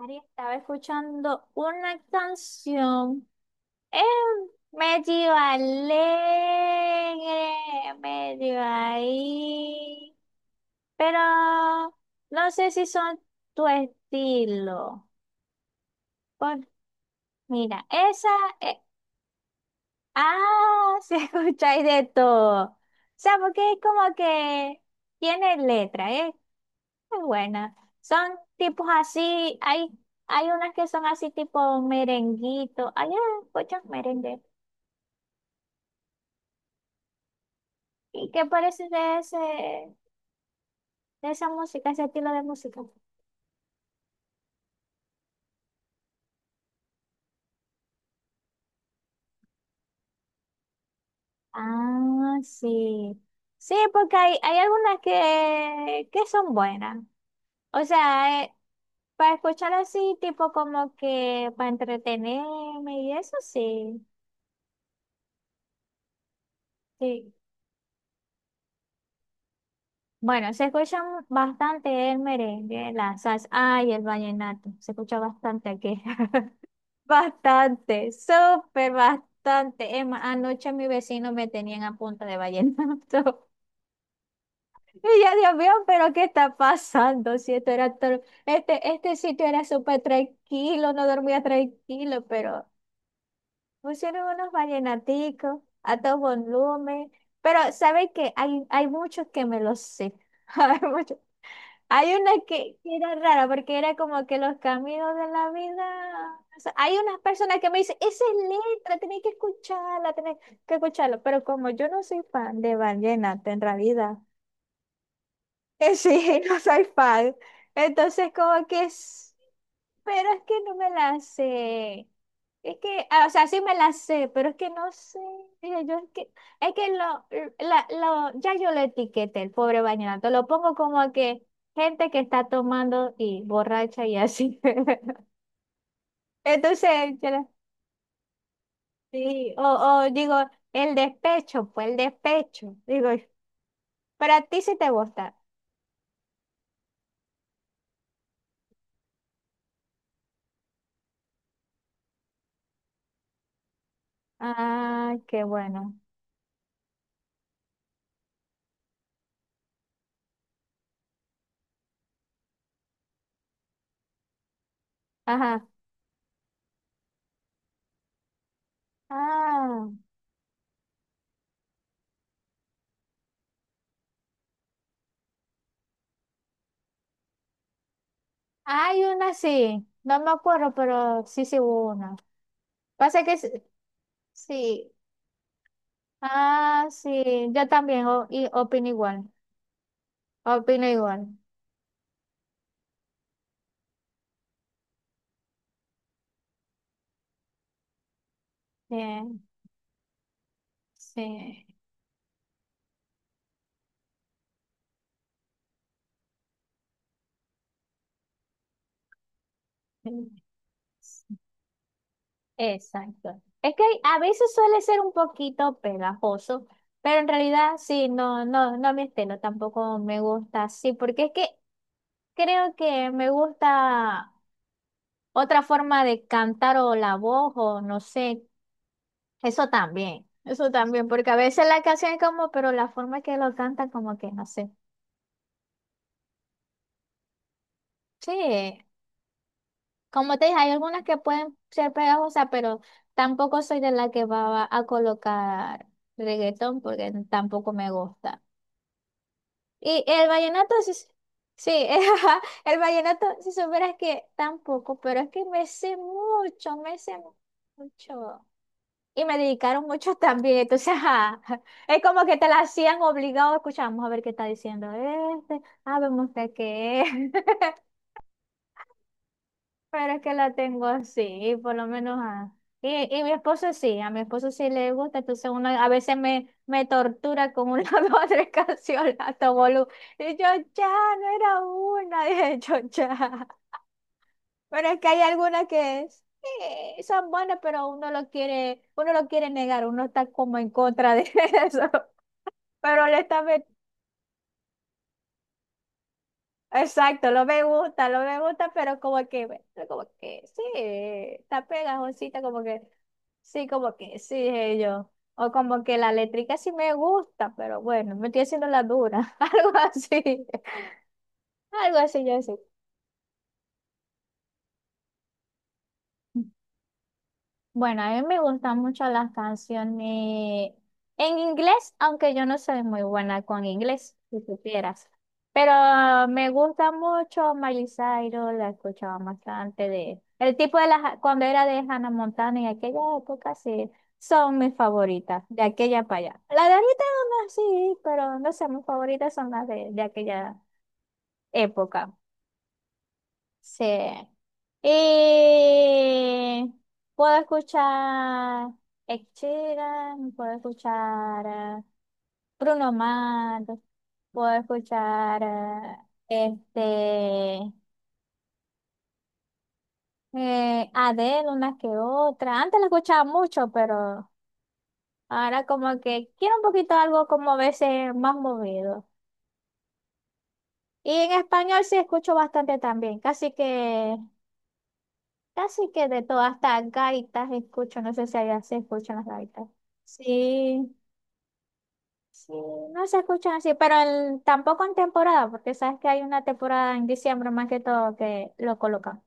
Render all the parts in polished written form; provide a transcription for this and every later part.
Ari, estaba escuchando una canción eh, medio alegre, medio ahí, pero no sé si son tu estilo. Por- mira, esa, eh, se escucháis de todo. O sea, porque es como que tiene letra, ¿eh? Es buena. Son tipos así, hay unas que son así tipo merenguito. Hay muchos merengues. ¿Y qué parece de ese, de esa música, ese estilo de música? Ah, sí. Sí, porque hay algunas que son buenas. O sea, para escuchar así, tipo como que para entretenerme y eso sí. Sí. Bueno, se escucha bastante el merengue, la salsa, ay, el vallenato, se escucha bastante aquí. Bastante, súper bastante. Emma, anoche mis vecinos me tenían a punta de vallenato. Y ya, Dios mío, pero ¿qué está pasando? Si esto era este, este sitio era súper tranquilo, no dormía tranquilo, pero pusieron unos vallenaticos a todo volumen. Pero, ¿saben qué? Hay muchos que me los sé. Hay muchos. Hay una que era rara porque era como que los caminos de la vida. O sea, hay unas personas que me dicen, esa es letra, tenés que escucharla, tenés que escucharla. Pero como yo no soy fan de vallenato en realidad, sí, no soy fan. Entonces, como que es. Pero es que no me la sé. Es que, ah, o sea, sí me la sé, pero es que no sé. Dije yo, es que lo, la- lo- ya yo lo etiqueté, el pobre vallenato. Lo pongo como que gente que está tomando y borracha y así. Entonces, yo la- sí, o digo, el despecho, pues el despecho. Digo, para ti sí te gusta. Ah, qué bueno. Ajá. Ah, hay una sí. No me acuerdo, pero sí, sí hubo una. Pasa que s- sí. Ah, sí, yo también y opino igual. Opino igual. Bien, sí. Sí, exacto. Es que a veces suele ser un poquito pegajoso, pero en realidad sí, no, no, no me estilo, tampoco me gusta así, porque es que creo que me gusta otra forma de cantar o la voz o no sé, eso también, porque a veces la canción es como, pero la forma que lo cantan como que no sé. Sí, como te dije, hay algunas que pueden ser pegajosas, pero tampoco soy de la que va a colocar reggaetón porque tampoco me gusta. Y el vallenato, sí, ajá, el vallenato, si supieras que tampoco, pero es que me sé mucho, me sé mucho. Y me dedicaron mucho también, entonces, ajá, es como que te la hacían obligado, escuchamos a ver qué está diciendo este, ah, vemos de qué es. Pero es que la tengo así, y por lo menos a... Y mi esposo sí, a mi esposo sí le gusta, entonces uno a veces me tortura con una o tres canciones a todo volu- Y yo, ya, no era una, dije yo, ya. Pero es que hay algunas que sí, son buenas, pero uno lo quiere negar, uno está como en contra de eso. Pero le está, met- Exacto, lo me gusta, pero como que, bueno, pero como que sí, está pegajosita, como que sí, dije yo. O como que la eléctrica sí me gusta, pero bueno, me estoy haciendo la dura, algo así yo sí. Bueno, a mí me gustan mucho las canciones en inglés, aunque yo no soy muy buena con inglés, si supieras. Pero me gusta mucho Miley Cyrus, la escuchaba bastante de... El tipo de las... Cuando era de Hannah Montana en aquella época, sí, son mis favoritas, de aquella para allá. La de ahorita no, sí, pero no sé, mis favoritas son las de aquella época. Sí. Y puedo escuchar Ed Sheeran, puedo escuchar Bruno Mars, puedo escuchar este Adele una que otra. Antes la escuchaba mucho, pero ahora como que quiero un poquito algo como a veces más movido. Y en español sí escucho bastante también, casi que casi que de todas, hasta gaitas escucho, no sé si allá se escuchan las gaitas. Sí, no se escuchan así, pero en- tampoco en temporada, porque sabes que hay una temporada en diciembre más que todo que lo colocan.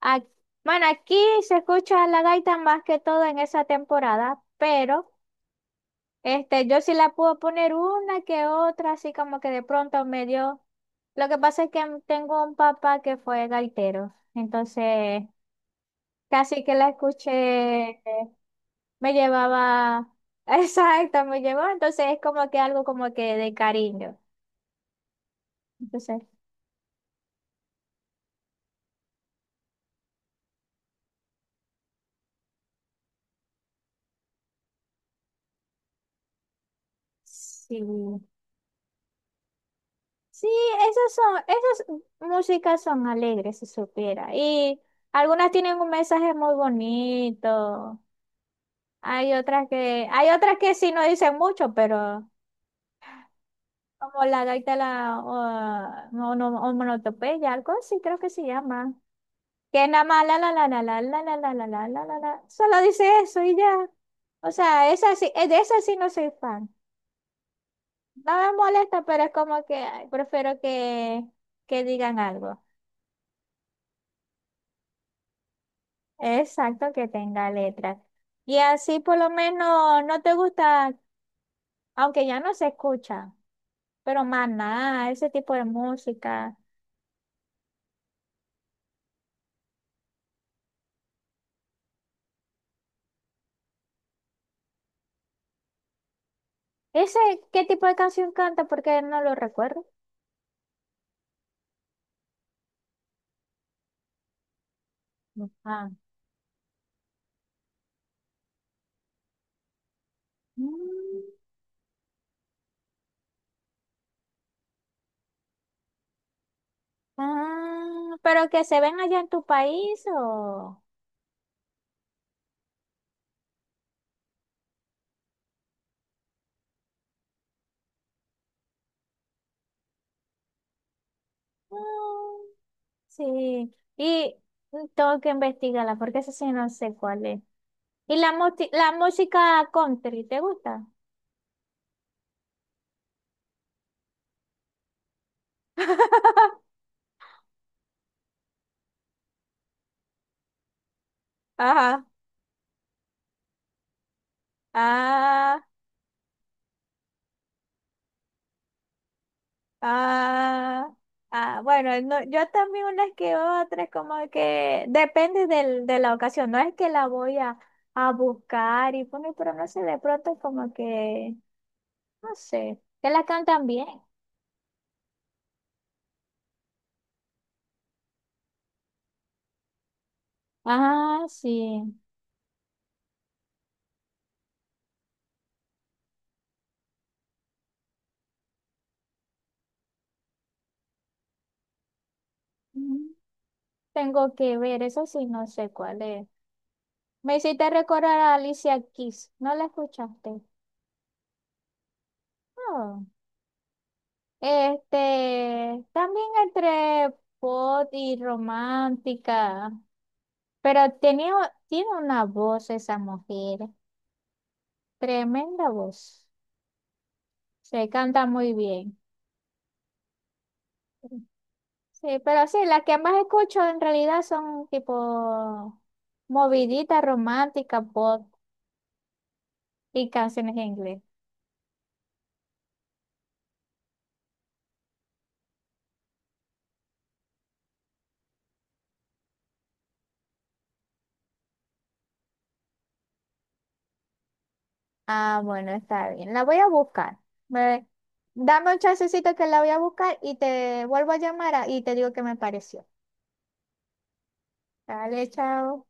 Ac- bueno, aquí se escucha la gaita más que todo en esa temporada, pero este, yo sí la puedo poner una que otra, así como que de pronto me dio. Lo que pasa es que tengo un papá que fue gaitero, entonces casi que la escuché. Me llevaba, exacto, me llevó, entonces es como que algo como que de cariño. Entonces, sí, sí, esas son, esas músicas son alegres, si supiera. Y algunas tienen un mensaje muy bonito. Hay otras que sí no dicen mucho, pero como la gaita de la o, o monotopeya, algo así creo que se llama. Que nada más la la la la la la la la la la la la la. Solo dice eso y ya. O sea, esa sí, de esa sí no soy fan. No me molesta, pero es como que ay, prefiero que digan algo. Exacto, que tenga letras. Y así por lo menos no te gusta, aunque ya no se escucha, pero más nada, ese tipo de música. ¿Ese qué tipo de canción canta? Porque no lo recuerdo. Ah. Mm. Ah, pero que se ven allá en tu país o... Ah, sí, y mm, tengo que investigarla porque eso sí no sé cuál es. ¿Y la, la música country, te gusta? Ajá. Ah, ah, ah. Bueno, no, yo también unas que otras, como que depende de la ocasión. No es que la voy a buscar y poner, pero no sé, de pronto como que, no sé, que la cantan bien. Ah, sí. Mm, tengo que ver, eso sí, no sé cuál es. Me hiciste recordar a Alicia Keys, ¿no la escuchaste? Oh. Este, también entre pop y romántica, pero tenía, tiene una voz esa mujer, tremenda voz. Se canta muy bien. Sí, pero sí, las que más escucho en realidad son tipo movidita romántica, pop y canciones en inglés. Ah, bueno, está bien. La voy a buscar. Me- Dame un chancecito que la voy a buscar y te vuelvo a llamar y te digo qué me pareció. Dale, chao.